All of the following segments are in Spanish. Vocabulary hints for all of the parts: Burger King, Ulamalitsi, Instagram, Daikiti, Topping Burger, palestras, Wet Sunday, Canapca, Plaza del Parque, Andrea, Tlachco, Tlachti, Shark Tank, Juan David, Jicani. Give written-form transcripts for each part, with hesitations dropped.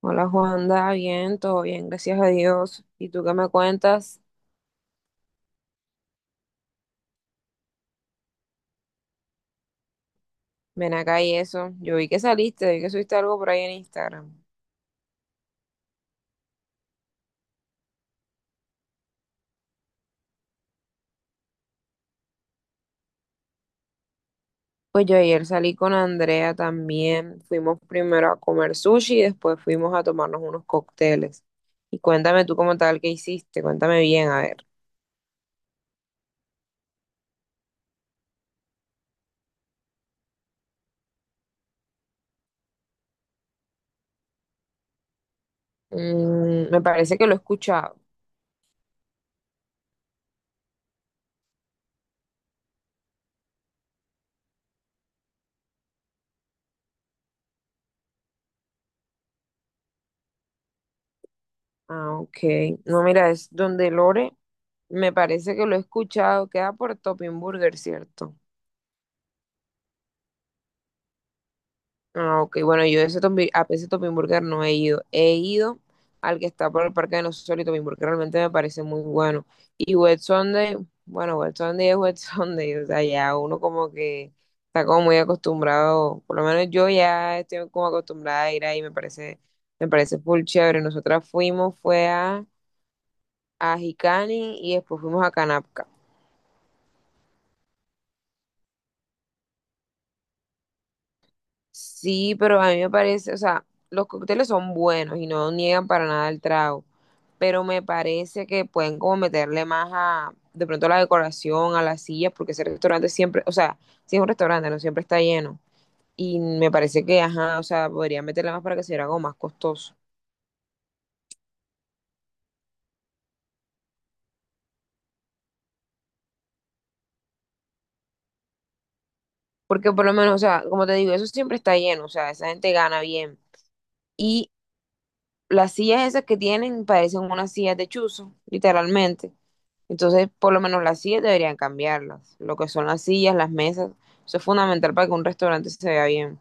Hola Juanda, bien, todo bien, gracias a Dios. ¿Y tú qué me cuentas? Ven acá y eso. Yo vi que saliste, vi que subiste algo por ahí en Instagram. Pues yo ayer salí con Andrea también. Fuimos primero a comer sushi y después fuimos a tomarnos unos cócteles. Y cuéntame tú como tal qué hiciste, cuéntame bien, a ver. Mm, me parece que lo he escuchado. Ah, ok. No, mira, es donde Lore, me parece que lo he escuchado, queda por Topping Burger, ¿cierto? Ah, ok, bueno, yo ese a ese Topping Burger no he ido. He ido al que está por el Parque de los Sol y Topping Burger, realmente me parece muy bueno. Y Wet Sunday, bueno, Wet Sunday es Wet Sunday, o sea, ya uno como que está como muy acostumbrado, por lo menos yo ya estoy como acostumbrada a ir ahí, me parece full chévere. Nosotras fuimos, a Jicani y después fuimos a Canapca. Sí, pero a mí me parece, o sea, los cócteles son buenos y no niegan para nada el trago, pero me parece que pueden como meterle más de pronto a la decoración, a las sillas, porque ese restaurante siempre, o sea, si es un restaurante, no siempre está lleno. Y me parece que, ajá, o sea, podría meterle más para que sea algo más costoso. Porque por lo menos, o sea, como te digo, eso siempre está lleno, o sea, esa gente gana bien. Y las sillas esas que tienen parecen unas sillas de chuzo, literalmente. Entonces, por lo menos las sillas deberían cambiarlas. Lo que son las sillas, las mesas, eso es fundamental para que un restaurante se vea bien.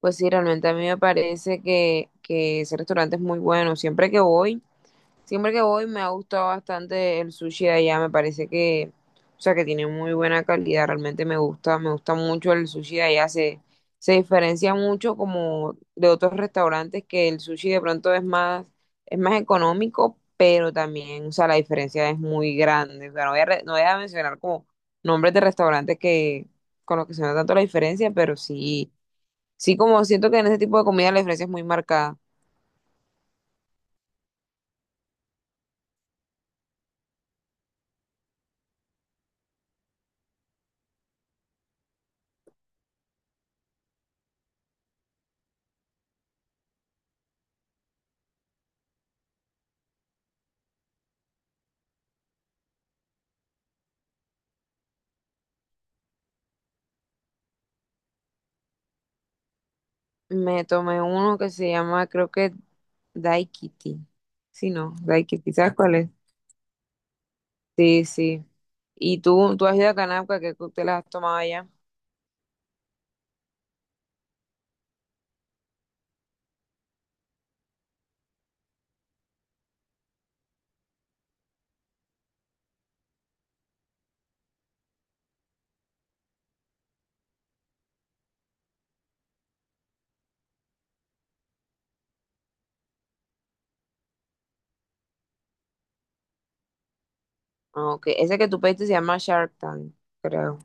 Pues sí, realmente a mí me parece que ese restaurante es muy bueno. Siempre que voy me ha gustado bastante el sushi de allá, me parece que, o sea, que tiene muy buena calidad, realmente me gusta mucho el sushi de allá, se diferencia mucho como de otros restaurantes que el sushi de pronto es más económico, pero también, o sea, la diferencia es muy grande, o sea, no voy a mencionar como nombres de restaurantes que, con los que se nota tanto la diferencia, pero sí como siento que en ese tipo de comida la diferencia es muy marcada. Me tomé uno que se llama, creo que Daikiti. Sí, no, Daikiti, ¿sabes cuál es? Sí, sí. ¿Y tú has ido a Canapca, qué cócteles has tomado allá? Ah, ok. Ese que tú pediste se llama Shark Tank, creo.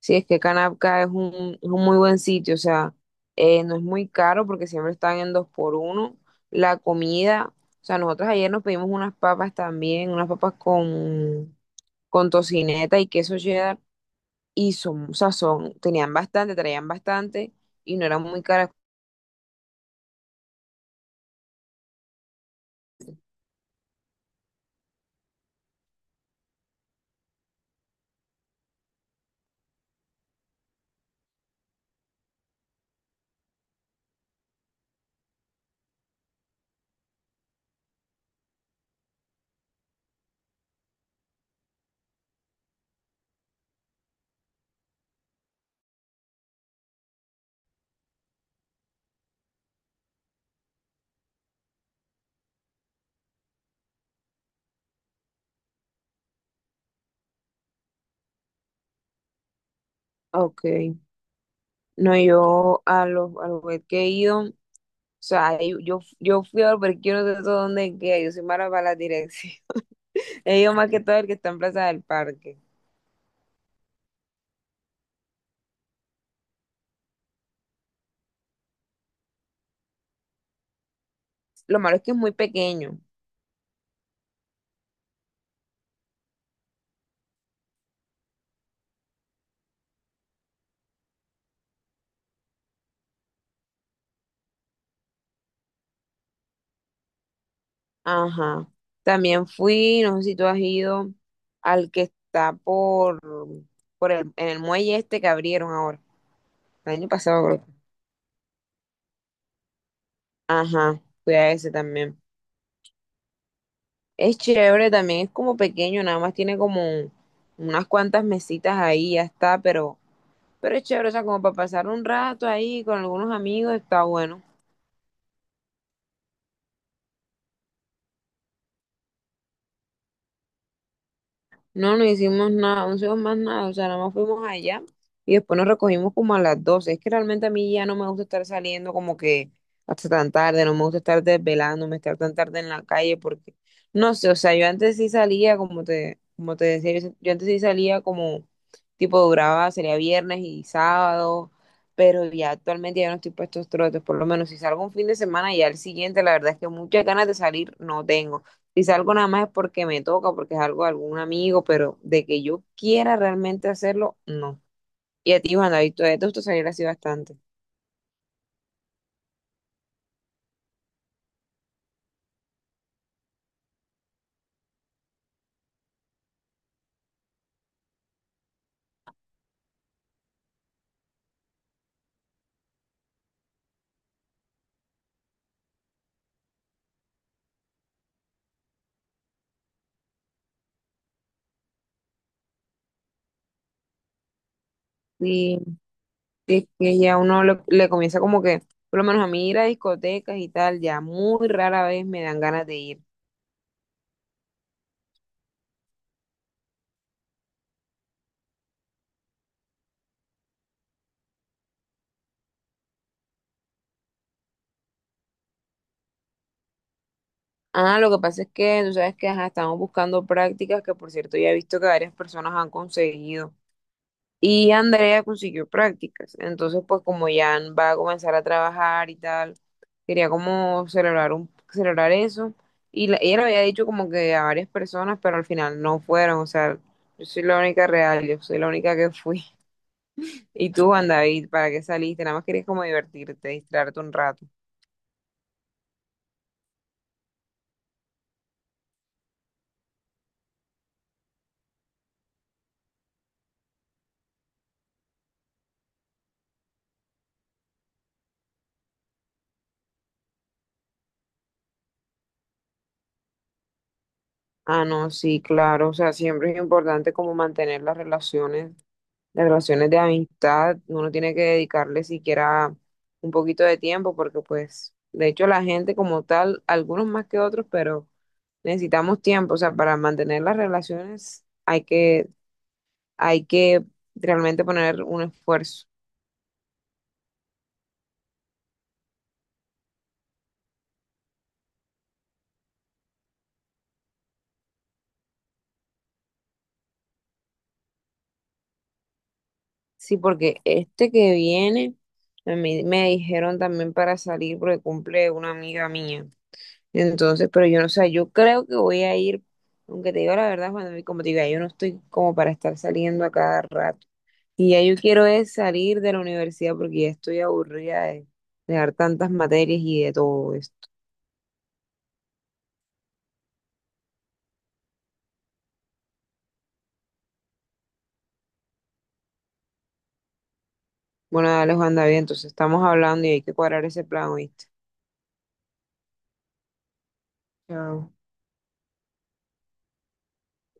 Sí, es que Canapca es es un muy buen sitio, o sea, no es muy caro porque siempre están en dos por uno. La comida, o sea, nosotros ayer nos pedimos unas papas también, unas papas con tocineta y queso cheddar y son, o sea, son, tenían bastante, traían bastante y no eran muy caras. Ah, ok, no, yo a a los Burger que he ido, o sea, yo fui a los Burger King, yo no sé todo dónde queda, yo soy mala para la dirección. He ido más que todo el que está en Plaza del Parque. Lo malo es que es muy pequeño. Ajá. También fui, no sé si tú has ido al que está por el, en el muelle este que abrieron ahora, el año pasado creo. Ajá, fui a ese también. Es chévere, también es como pequeño, nada más tiene como unas cuantas mesitas ahí, ya está, pero es chévere, o sea, como para pasar un rato ahí con algunos amigos, está bueno. No, no hicimos nada, no hicimos más nada, o sea, nada más fuimos allá y después nos recogimos como a las 12. Es que realmente a mí ya no me gusta estar saliendo como que hasta tan tarde, no me gusta estar desvelándome, estar tan tarde en la calle porque, no sé, o sea, yo antes sí salía, como te decía, yo antes sí salía como tipo duraba, sería viernes y sábado, pero ya actualmente ya no estoy para estos trotes, por lo menos si salgo un fin de semana y al siguiente, la verdad es que muchas ganas de salir no tengo. Si salgo nada más es porque me toca, porque es algo de algún amigo, pero de que yo quiera realmente hacerlo, no. Y a ti, Juan David, te gusta salir así bastante? Sí, es que ya uno le comienza como que, por lo menos a mí ir a discotecas y tal, ya muy rara vez me dan ganas de ir. Ah, lo que pasa es que tú sabes que ajá, estamos buscando prácticas que por cierto ya he visto que varias personas han conseguido. Y Andrea consiguió prácticas, entonces pues como ya va a comenzar a trabajar y tal. Quería como celebrar eso. Y ella le había dicho como que a varias personas, pero al final no fueron. O sea, yo soy la única real, yo soy la única que fui. Y tú, Juan David, ¿para qué saliste? Nada más querías como divertirte, distraerte un rato. Ah, no, sí, claro. O sea, siempre es importante como mantener las relaciones de amistad, uno tiene que dedicarle siquiera un poquito de tiempo porque pues, de hecho, la gente como tal, algunos más que otros, pero necesitamos tiempo, o sea, para mantener las relaciones hay que realmente poner un esfuerzo. Sí, porque este que viene, a mí me dijeron también para salir porque cumple una amiga mía. Entonces, pero yo no sé, yo creo que voy a ir, aunque te digo la verdad, cuando como te digo, yo no estoy como para estar saliendo a cada rato. Y ya yo quiero es salir de la universidad porque ya estoy aburrida de dar tantas materias y de todo esto. Bueno, dale, Juan David, entonces estamos hablando y hay que cuadrar ese plan, ¿oíste? Chao.